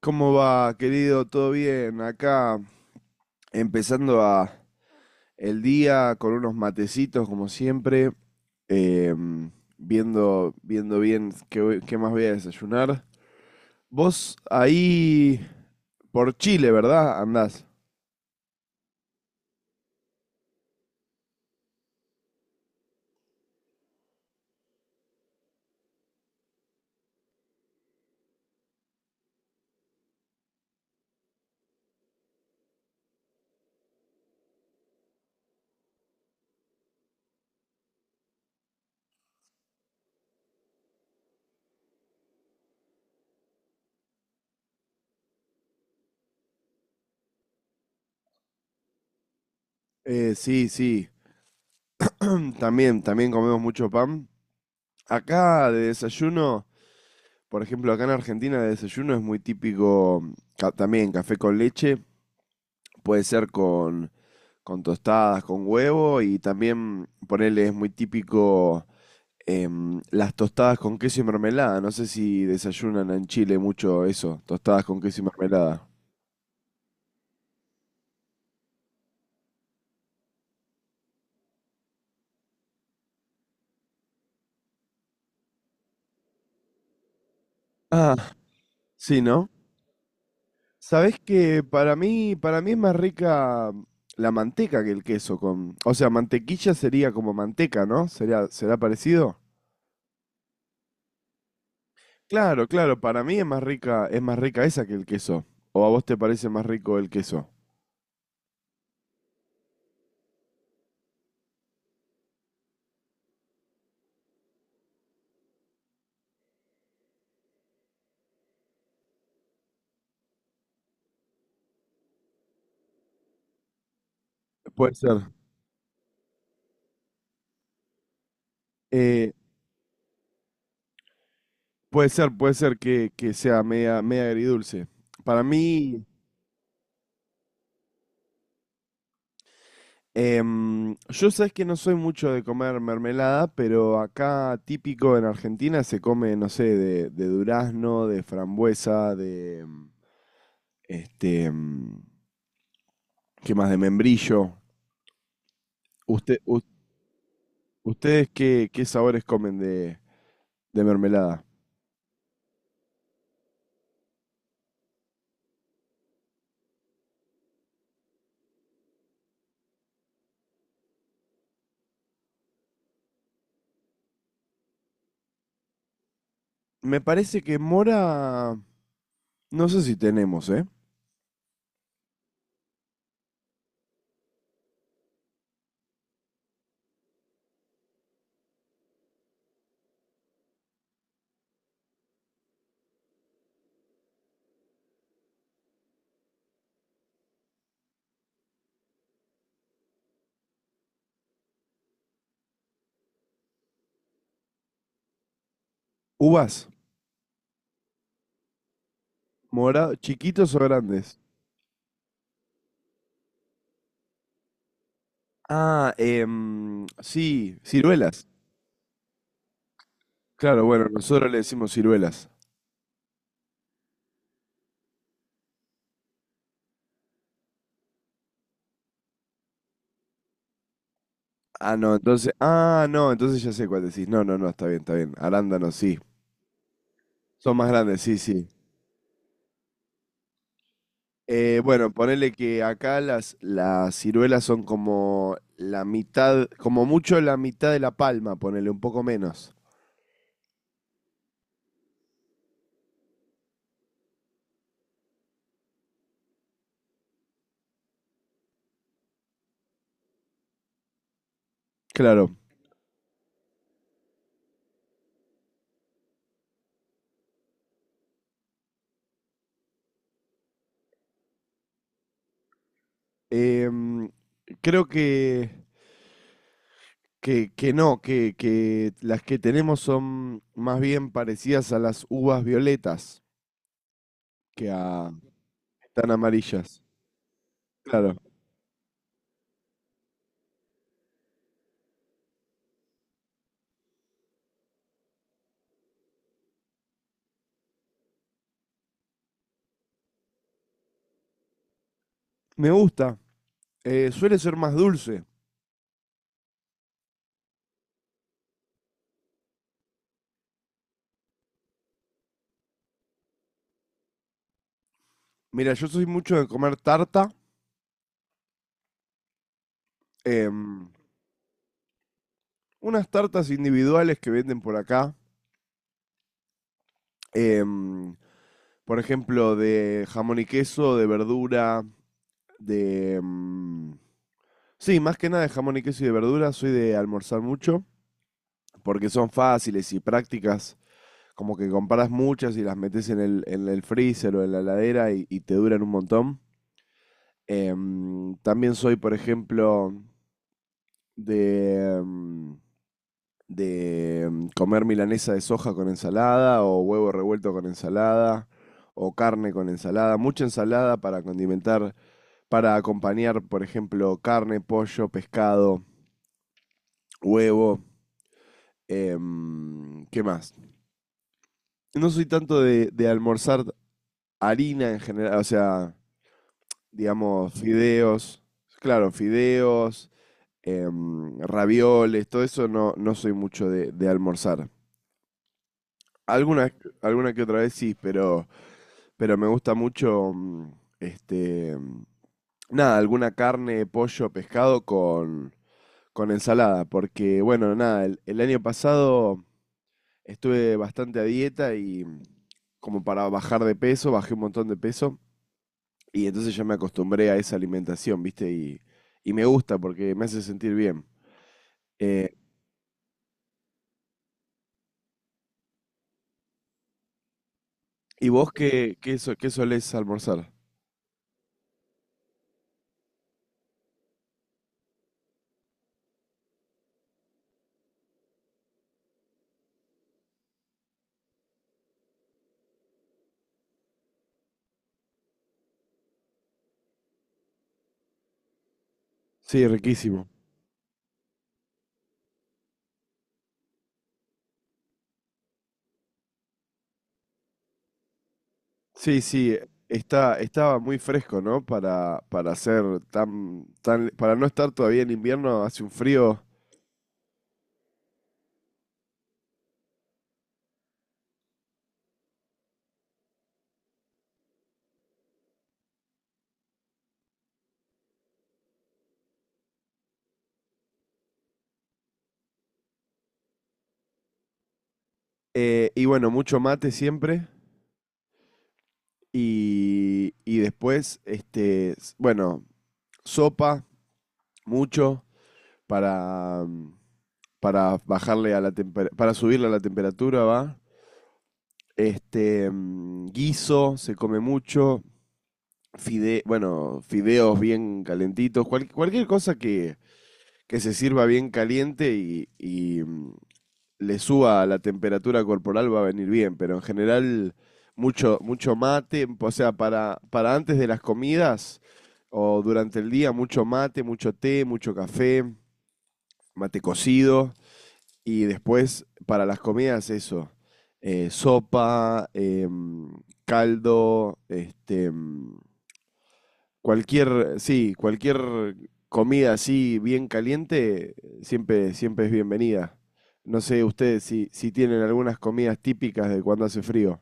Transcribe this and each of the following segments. ¿Cómo va, querido? ¿Todo bien? Acá empezando a el día con unos matecitos, como siempre, em, viendo bien qué, qué más voy a desayunar. Vos ahí por Chile, ¿verdad? Andás. Sí, sí. También, también comemos mucho pan. Acá de desayuno, por ejemplo, acá en Argentina de desayuno es muy típico también café con leche. Puede ser con tostadas, con huevo y también ponerle es muy típico, las tostadas con queso y mermelada. No sé si desayunan en Chile mucho eso, tostadas con queso y mermelada. Ah, sí, ¿no? Sabés que para mí es más rica, la manteca que el queso con, o sea, mantequilla sería como manteca, ¿no? ¿Sería, será parecido? Claro, claro, para mí es más rica esa que el queso. ¿O a vos te parece más rico el queso? Puede ser. Eh, Puede ser, puede ser que sea media, media agridulce. Para mí, yo sabes que no soy mucho de comer mermelada, pero acá típico en Argentina se come, no sé, de durazno, de frambuesa, de este, ¿qué más? De membrillo. Usted, u- ¿Ustedes qué, qué sabores comen de mermelada? Me parece que mora, no sé si tenemos, ¿eh? Uvas, mora, chiquitos o grandes. Ah, sí. Ciruelas. Claro, bueno, nosotros le decimos ciruelas. Ah, no, entonces. Ah, no, entonces ya sé cuál decís. No, no, no, está bien, está bien. Arándanos, sí. Son más grandes, sí, sí. Bueno, ponele que acá las ciruelas son como la mitad, como mucho la mitad de la palma, ponele un poco menos. Claro. Em, creo que no, que las que tenemos son más bien parecidas a las uvas violetas que a, tan amarillas. Claro. Me gusta. Suele ser más dulce. Mira, yo soy mucho de comer tarta. em, Unas tartas individuales que venden por acá. em, por ejemplo, de jamón y queso, de verdura, de... sí, más que nada de jamón y queso y de verdura. Soy de almorzar mucho porque son fáciles y prácticas. Como que compras muchas y las metes en el freezer o en la heladera y te duran un montón. También soy, por ejemplo, de, mm, de comer milanesa de soja con ensalada o huevo revuelto con ensalada o carne con ensalada, mucha ensalada para condimentar, para acompañar, por ejemplo, carne, pollo, pescado, huevo, ¿qué más? No soy tanto de almorzar harina en general, o sea, digamos, fideos, claro, fideos, ravioles, todo eso no, no soy mucho de almorzar. Alguna, alguna que otra vez sí, pero me gusta mucho, este, mm, nada, alguna carne, pollo, pescado con ensalada, porque bueno, nada, el año pasado estuve bastante a dieta y, como para bajar de peso, bajé un montón de peso y entonces ya me acostumbré a esa alimentación, ¿viste? Y me gusta porque me hace sentir bien. Eh, ¿Y vos qué, qué, qué solés almorzar? Sí, riquísimo. Sí, sí, está, estaba muy fresco, ¿no? Para ser tan, tan, para no estar todavía en invierno, hace un frío. Y bueno, mucho mate siempre. Y después, este, bueno, sopa, mucho, para, para bajarle a la temperatura, para subirle a la temperatura, ¿va? Este, guiso, se come mucho. Bueno, fideos bien calentitos, cualquier cosa que se sirva bien caliente y, le suba a la temperatura corporal va a venir bien, pero en general mucho, mucho mate, o sea, para antes de las comidas o durante el día mucho mate, mucho té, mucho café, mate cocido y después para las comidas eso, sopa, caldo, este, cualquier, sí, cualquier comida así bien caliente siempre, siempre es bienvenida. No sé ustedes si, si tienen algunas comidas típicas de cuando hace frío.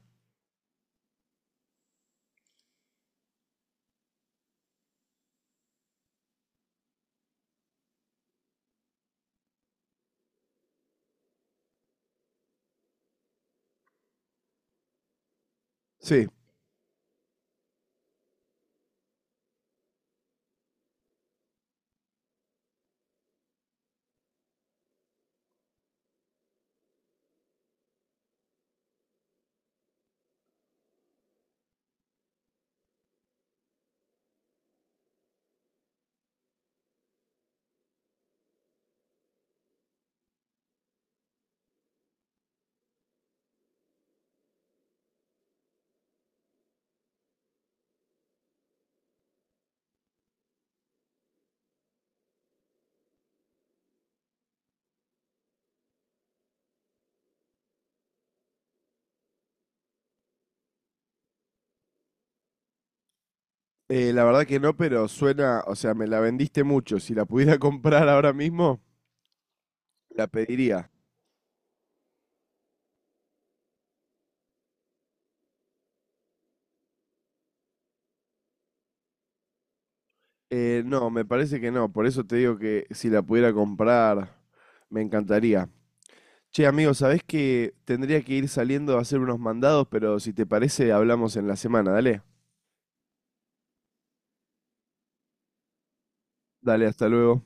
Sí, la verdad que no, pero suena, o sea, me la vendiste mucho. Si la pudiera comprar ahora mismo, la pediría. No, me parece que no. Por eso te digo que si la pudiera comprar, me encantaría. Che, amigo, sabés que tendría que ir saliendo a hacer unos mandados, pero si te parece, hablamos en la semana. Dale, dale, hasta luego.